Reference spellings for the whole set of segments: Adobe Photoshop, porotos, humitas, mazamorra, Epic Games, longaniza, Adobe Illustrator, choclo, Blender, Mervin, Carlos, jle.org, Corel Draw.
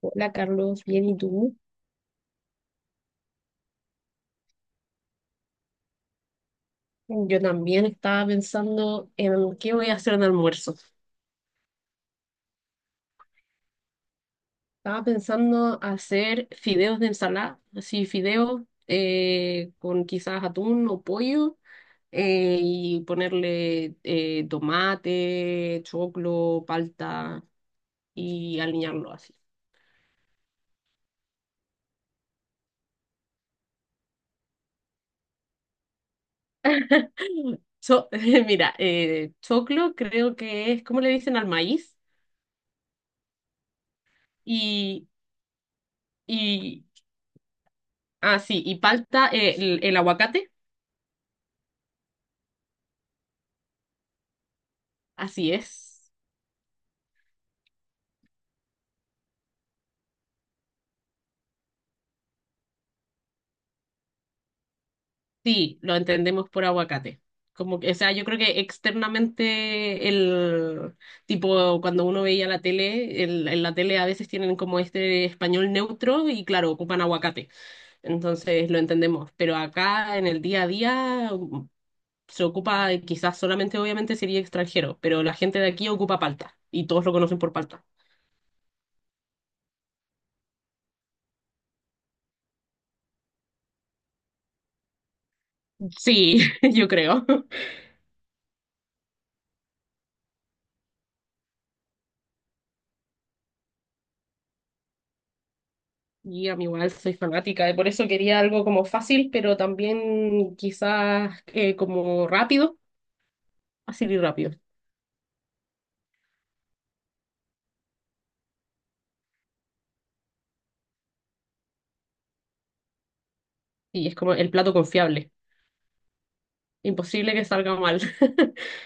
Hola Carlos, bien, ¿y tú? Yo también estaba pensando en qué voy a hacer de almuerzo. Estaba pensando hacer fideos de ensalada, así fideos con quizás atún o pollo, y ponerle tomate, choclo, palta y aliñarlo así. So- mira, choclo creo que es, ¿cómo le dicen al maíz? Y, y, ah, sí, y palta, el aguacate, así es. Sí, lo entendemos por aguacate. Como que, o sea, yo creo que externamente el tipo cuando uno veía la tele, en la tele a veces tienen como este español neutro y claro, ocupan aguacate. Entonces lo entendemos, pero acá en el día a día se ocupa quizás solamente obviamente sería extranjero, pero la gente de aquí ocupa palta y todos lo conocen por palta. Sí, yo creo. Y a mí igual soy fanática, y por eso quería algo como fácil, pero también quizás como rápido, fácil y rápido. Y es como el plato confiable. Imposible que salga mal.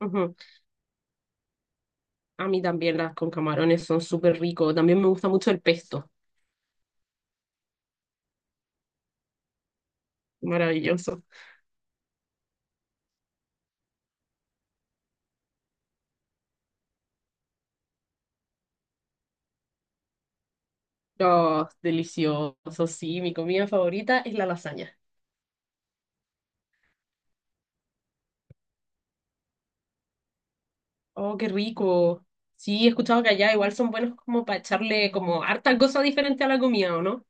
Ujú. A mí también las con camarones son súper ricos. También me gusta mucho el pesto. Maravilloso. Oh, delicioso. Sí, mi comida favorita es la lasaña. Oh, qué rico. Sí, he escuchado que allá igual son buenos como para echarle como harta cosa diferente a la comida, ¿o no?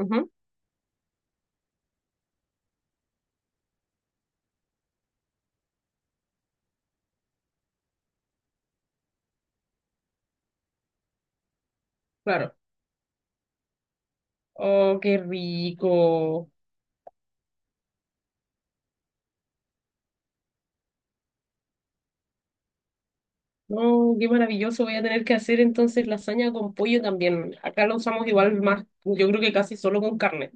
Ujú. Claro. Oh, qué rico. No, qué maravilloso. Voy a tener que hacer entonces lasaña con pollo también. Acá lo usamos igual más, yo creo que casi solo con carne.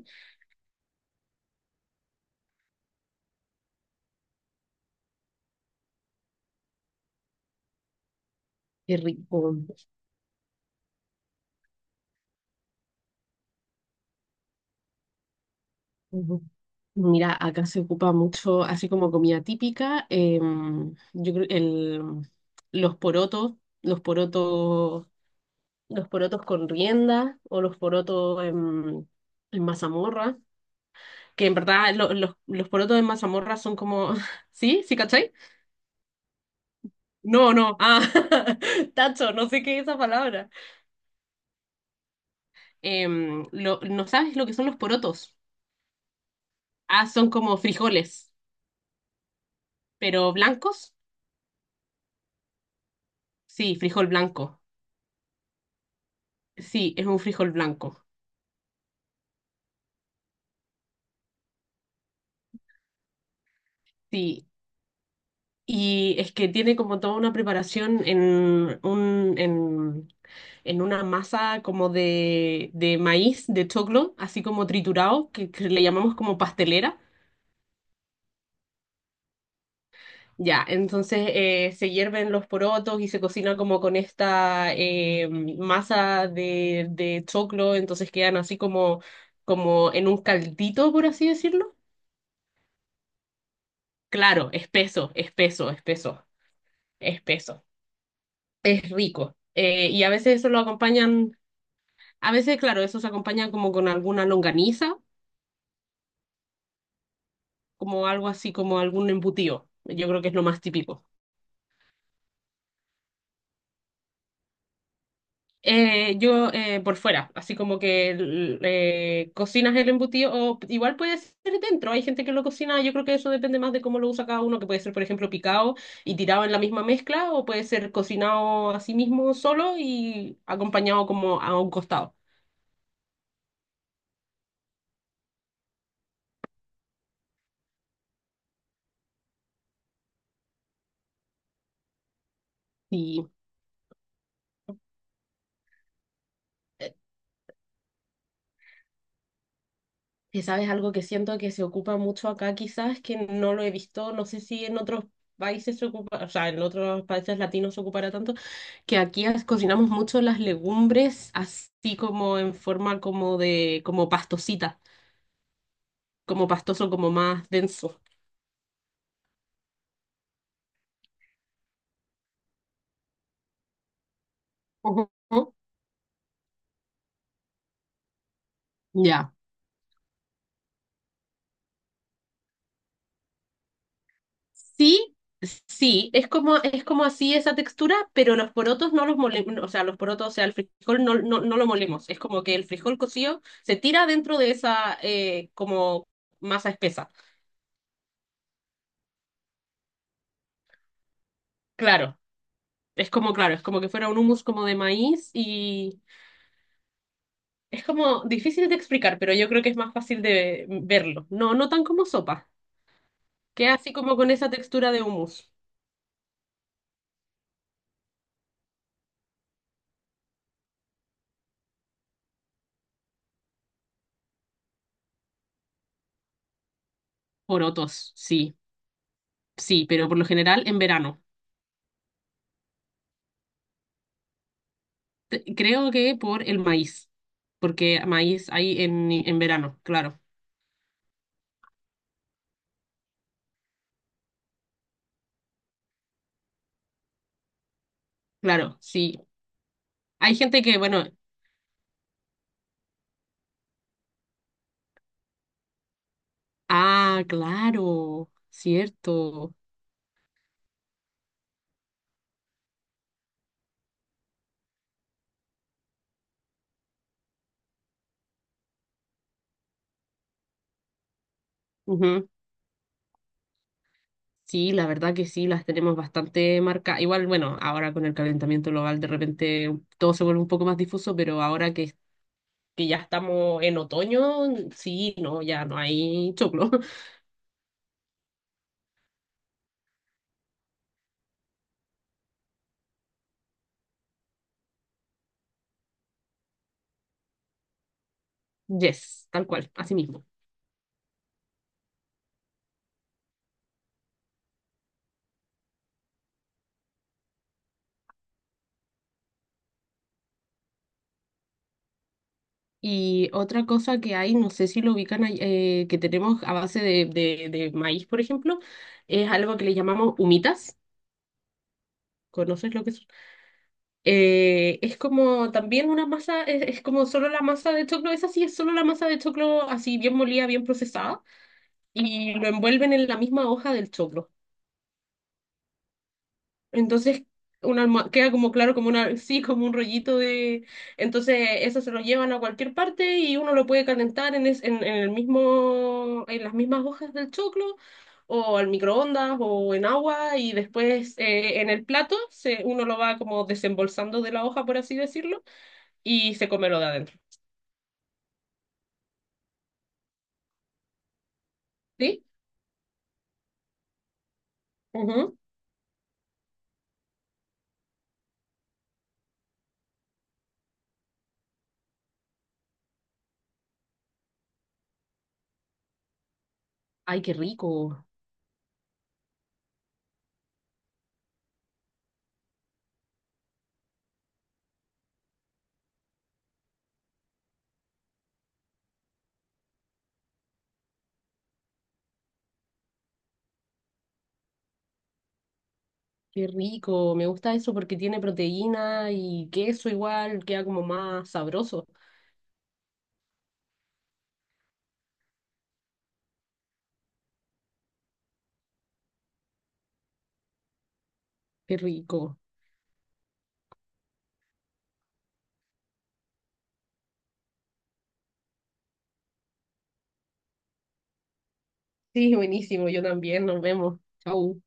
Qué rico. Ujú. Mira, acá se ocupa mucho, así como comida típica, yo creo los porotos, los porotos, los porotos con rienda o los porotos en mazamorra, que en verdad los porotos en mazamorra son como, ¿sí? ¿Sí, cachai? No, no, ah, tacho, no sé qué es esa palabra. ¿No sabes lo que son los porotos? Ah, son como frijoles, pero blancos. Sí, frijol blanco. Sí, es un frijol blanco. Sí, y es que tiene como toda una preparación un, en, en una masa como de maíz, de choclo, así como triturado, que le llamamos como pastelera. Ya, entonces se hierven los porotos y se cocina como con esta masa de choclo, entonces quedan así como, como en un caldito, por así decirlo. Claro, espeso, espeso, espeso, espeso. Es rico. Y a veces eso lo acompañan, a veces, claro, eso se acompaña como con alguna longaniza, como algo así, como algún embutido. Yo creo que es lo más típico. Yo por fuera, así como que cocinas el embutido, o igual puede ser dentro, hay gente que lo cocina, yo creo que eso depende más de cómo lo usa cada uno, que puede ser, por ejemplo, picado y tirado en la misma mezcla, o puede ser cocinado a sí mismo solo y acompañado como a un costado. Sí. Que sabes, algo que siento que se ocupa mucho acá, quizás que no lo he visto, no sé si en otros países se ocupa, o sea, en otros países latinos se ocupará tanto, que aquí cocinamos mucho las legumbres así como en forma como de, como pastosita, como pastoso, como más denso. Ujú. Ya. Sí, sí, es como así esa textura, pero los porotos no los molemos, o sea, los porotos, o sea, el frijol no lo molemos, es como que el frijol cocido se tira dentro de esa como masa espesa. Claro, claro, es como que fuera un hummus como de maíz y es como difícil de explicar, pero yo creo que es más fácil de verlo. No, no tan como sopa, que así como con esa textura de hummus. Porotos, sí, sí, pero por lo general en verano. Creo que por el maíz, porque maíz hay en verano, claro, claro, sí. Hay gente que, bueno, ah, claro, cierto. Ujú. Sí, la verdad que sí, las tenemos bastante marcadas. Igual, bueno, ahora con el calentamiento global de repente todo se vuelve un poco más difuso, pero ahora que ya estamos en otoño, sí, no, ya no hay choclo. Yes, tal cual, así mismo. Y otra cosa que hay, no sé si lo ubican, ahí, que tenemos a base de, de maíz, por ejemplo, es algo que le llamamos humitas. ¿Conoces lo que es? Es como también una masa, es como solo la masa de choclo, esa sí es solo la masa de choclo así bien molida, bien procesada, y lo envuelven en la misma hoja del choclo. Entonces, queda como claro, como una, sí, como un rollito de. Entonces, eso se lo llevan a cualquier parte y uno lo puede calentar en el mismo, en las mismas hojas del choclo, o al microondas, o en agua, y después en el plato se, uno lo va como desembolsando de la hoja, por así decirlo, y se come lo de adentro. ¿Sí? Ujú. Ay, qué rico, qué rico. Me gusta eso porque tiene proteína y queso igual, queda como más sabroso. Qué rico. Sí, buenísimo, yo también, nos vemos. Chau.